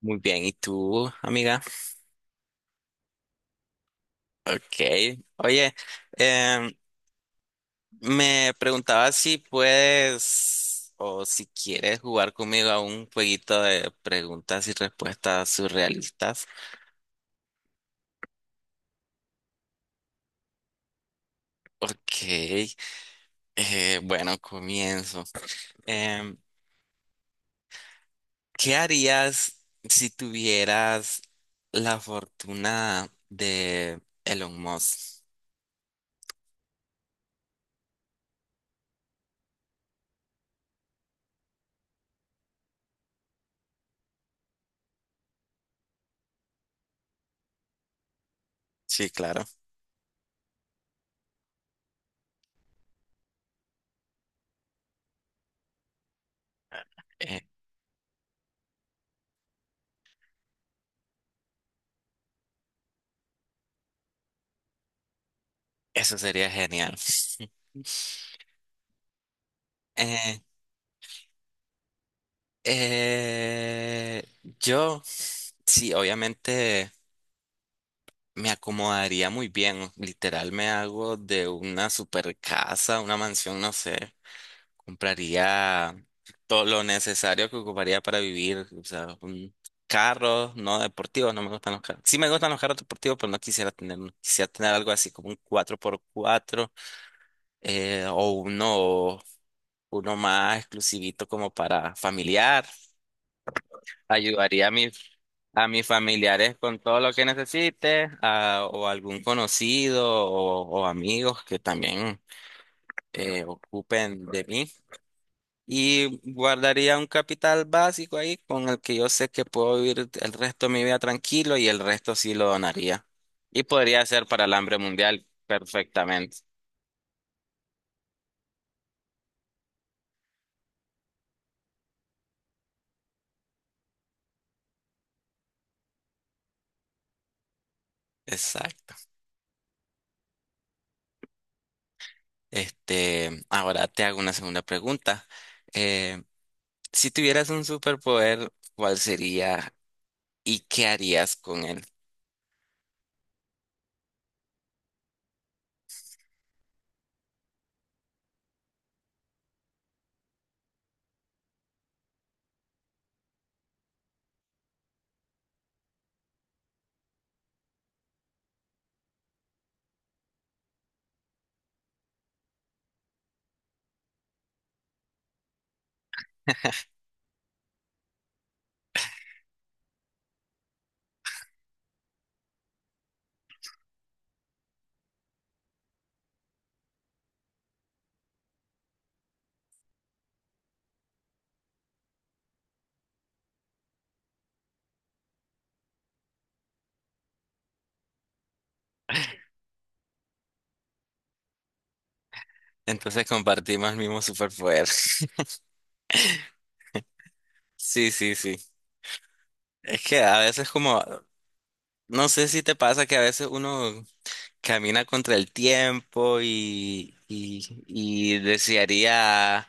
Muy bien, ¿y tú, amiga? Ok. Oye, em, me preguntaba si puedes o si quieres jugar conmigo a un jueguito de preguntas y respuestas surrealistas. Ok. Bueno, comienzo. Em, ¿Qué harías si tuvieras la fortuna de Elon Musk? Sí, claro. Eh, eso sería genial. Eh, Eh, yo, sí, obviamente me acomodaría muy bien. Literal, me hago de una super casa, una mansión, no sé. Compraría todo lo necesario que ocuparía para vivir. O sea, un carro, no deportivo, no me gustan los carros. Sí me gustan los carros deportivos, pero no quisiera tener uno. Quisiera tener algo así como un cuatro por cuatro o uno más exclusivito como para familiar. Ayudaría a a mis familiares con todo lo que necesite, o algún conocido o amigos que también ocupen de mí. Y guardaría un capital básico ahí con el que yo sé que puedo vivir el resto de mi vida tranquilo y el resto sí lo donaría. Y podría ser para el hambre mundial perfectamente. Exacto. Este, ahora te hago una segunda pregunta. Eh, si tuvieras un superpoder, ¿cuál sería? ¿Y qué harías con él? Entonces compartimos el mismo superpoder. Sí, sí, sí. Es que no sé si te pasa que a veces uno camina contra el tiempo y desearía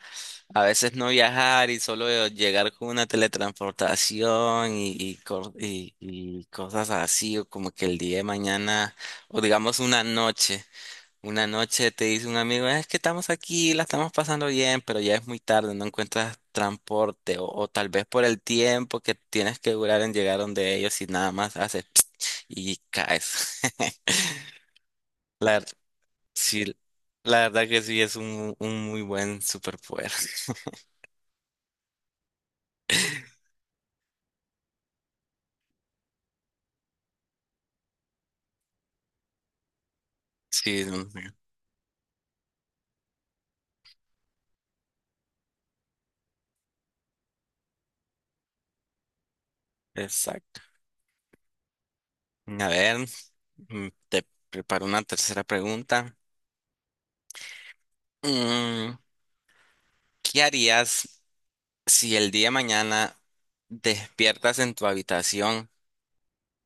a veces no viajar y solo llegar con una teletransportación y cosas así, o como que el día de mañana, o digamos una noche. Una noche te dice un amigo, es que estamos aquí, la estamos pasando bien, pero ya es muy tarde, no encuentras transporte o tal vez por el tiempo que tienes que durar en llegar donde ellos y nada más haces y caes. La, ver- sí, la verdad que sí es un muy buen superpoder. Sí, no sé. Exacto. A ver, te preparo una tercera pregunta. Mm, ¿Qué harías si el día de mañana despiertas en tu habitación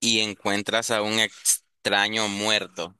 y encuentras a un extraño muerto?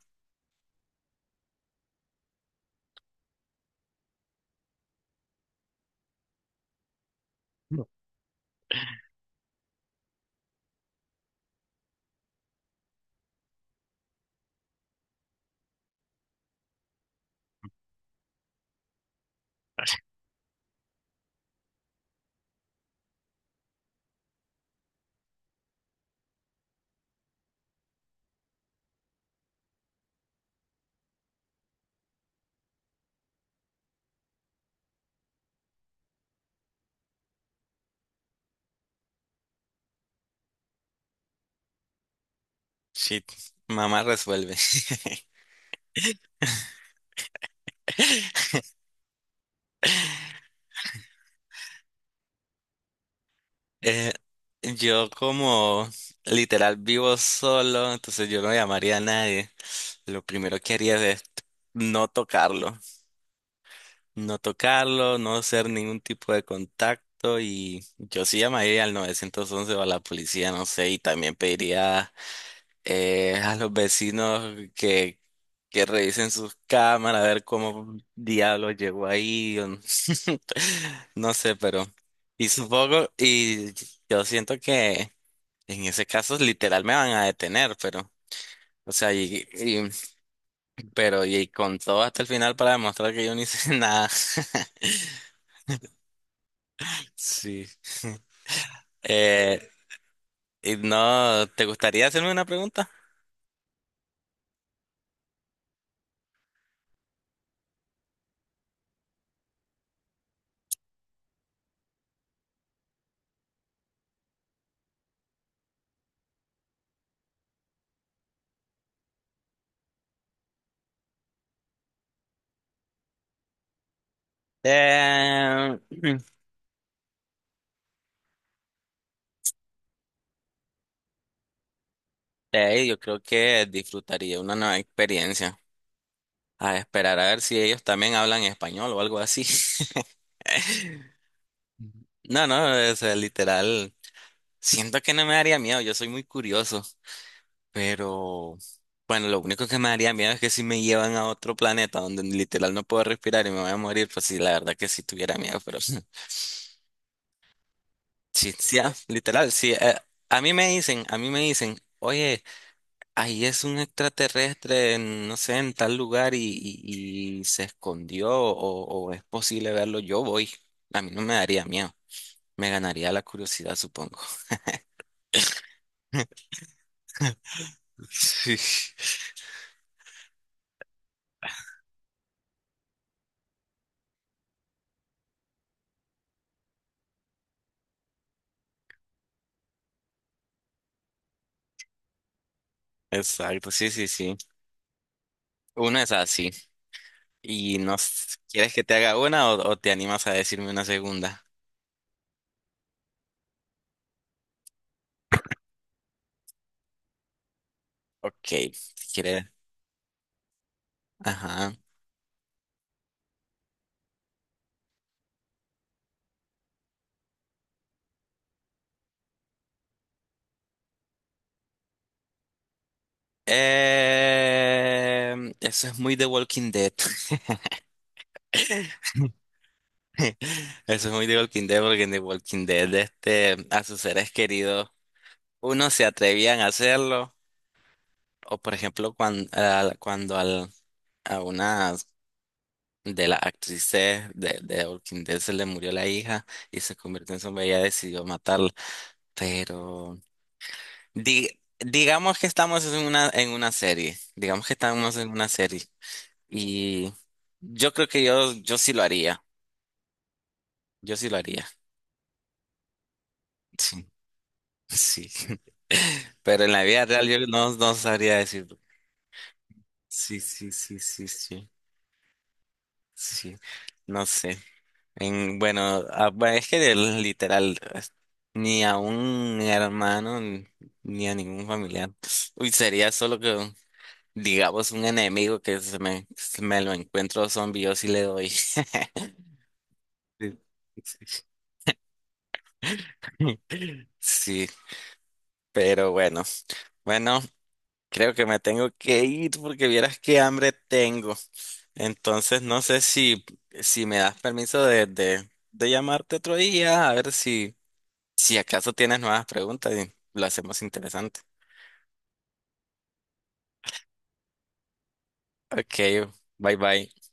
Shit, mamá resuelve. Eh, yo como literal vivo solo, entonces yo no llamaría a nadie. Lo primero que haría es no tocarlo, no tocarlo, no hacer ningún tipo de contacto y yo sí llamaría al 911 o a la policía, no sé, y también pediría a los vecinos que revisen sus cámaras, a ver cómo diablos llegó ahí, o no, no sé, pero, y yo siento que en ese caso literal me van a detener, pero, o sea, y con todo hasta el final para demostrar que yo no hice nada. Sí. Eh, y no, ¿te gustaría hacerme una pregunta? Eh, yo creo que disfrutaría una nueva experiencia. A esperar a ver si ellos también hablan español o algo así. No, no, o sea, literal. Siento que no me daría miedo, yo soy muy curioso, pero bueno, lo único que me daría miedo es que si me llevan a otro planeta donde literal no puedo respirar y me voy a morir, pues sí, la verdad que sí tuviera miedo, pero sí, sí, ah, literal, sí. A mí me dicen, a mí me dicen, oye, ahí es un extraterrestre, en, no sé, en tal lugar y se escondió o es posible verlo, yo voy. A mí no me daría miedo, me ganaría la curiosidad, supongo. Sí, exacto, sí, sí, sí. Una es así. ¿Y no s- Quieres que te haga una o te animas a decirme una segunda? Ok, si quieres. Ajá. Eso es muy The Walking Dead. Eso es muy de Walking Dead, porque en The Walking Dead, este, a sus seres queridos, unos se atrevían a hacerlo, o por ejemplo, cuando a una de las actrices de Walking Dead se le murió la hija y se convirtió en zombie, ella decidió matarla. Pero di- digamos que estamos en una serie, digamos que estamos en una serie, y yo creo que yo sí lo haría, yo sí lo haría. Sí. Sí. Pero en la vida real yo no, no sabría decir. Sí, sí, sí, sí, sí. Sí. No sé. En, bueno, ah, bueno, es que del- literal, es- ni a un hermano, ni ni a ningún familiar. Uy, sería solo que, digamos, un enemigo que se me lo encuentro zombie, yo sí le doy. Sí, sí. Sí, sí, pero bueno. Bueno, creo que me tengo que ir porque vieras qué hambre tengo. Entonces, no sé si, si me das permiso de llamarte otro día, a ver si, si acaso tienes nuevas preguntas y lo hacemos interesante. Ok, bye bye.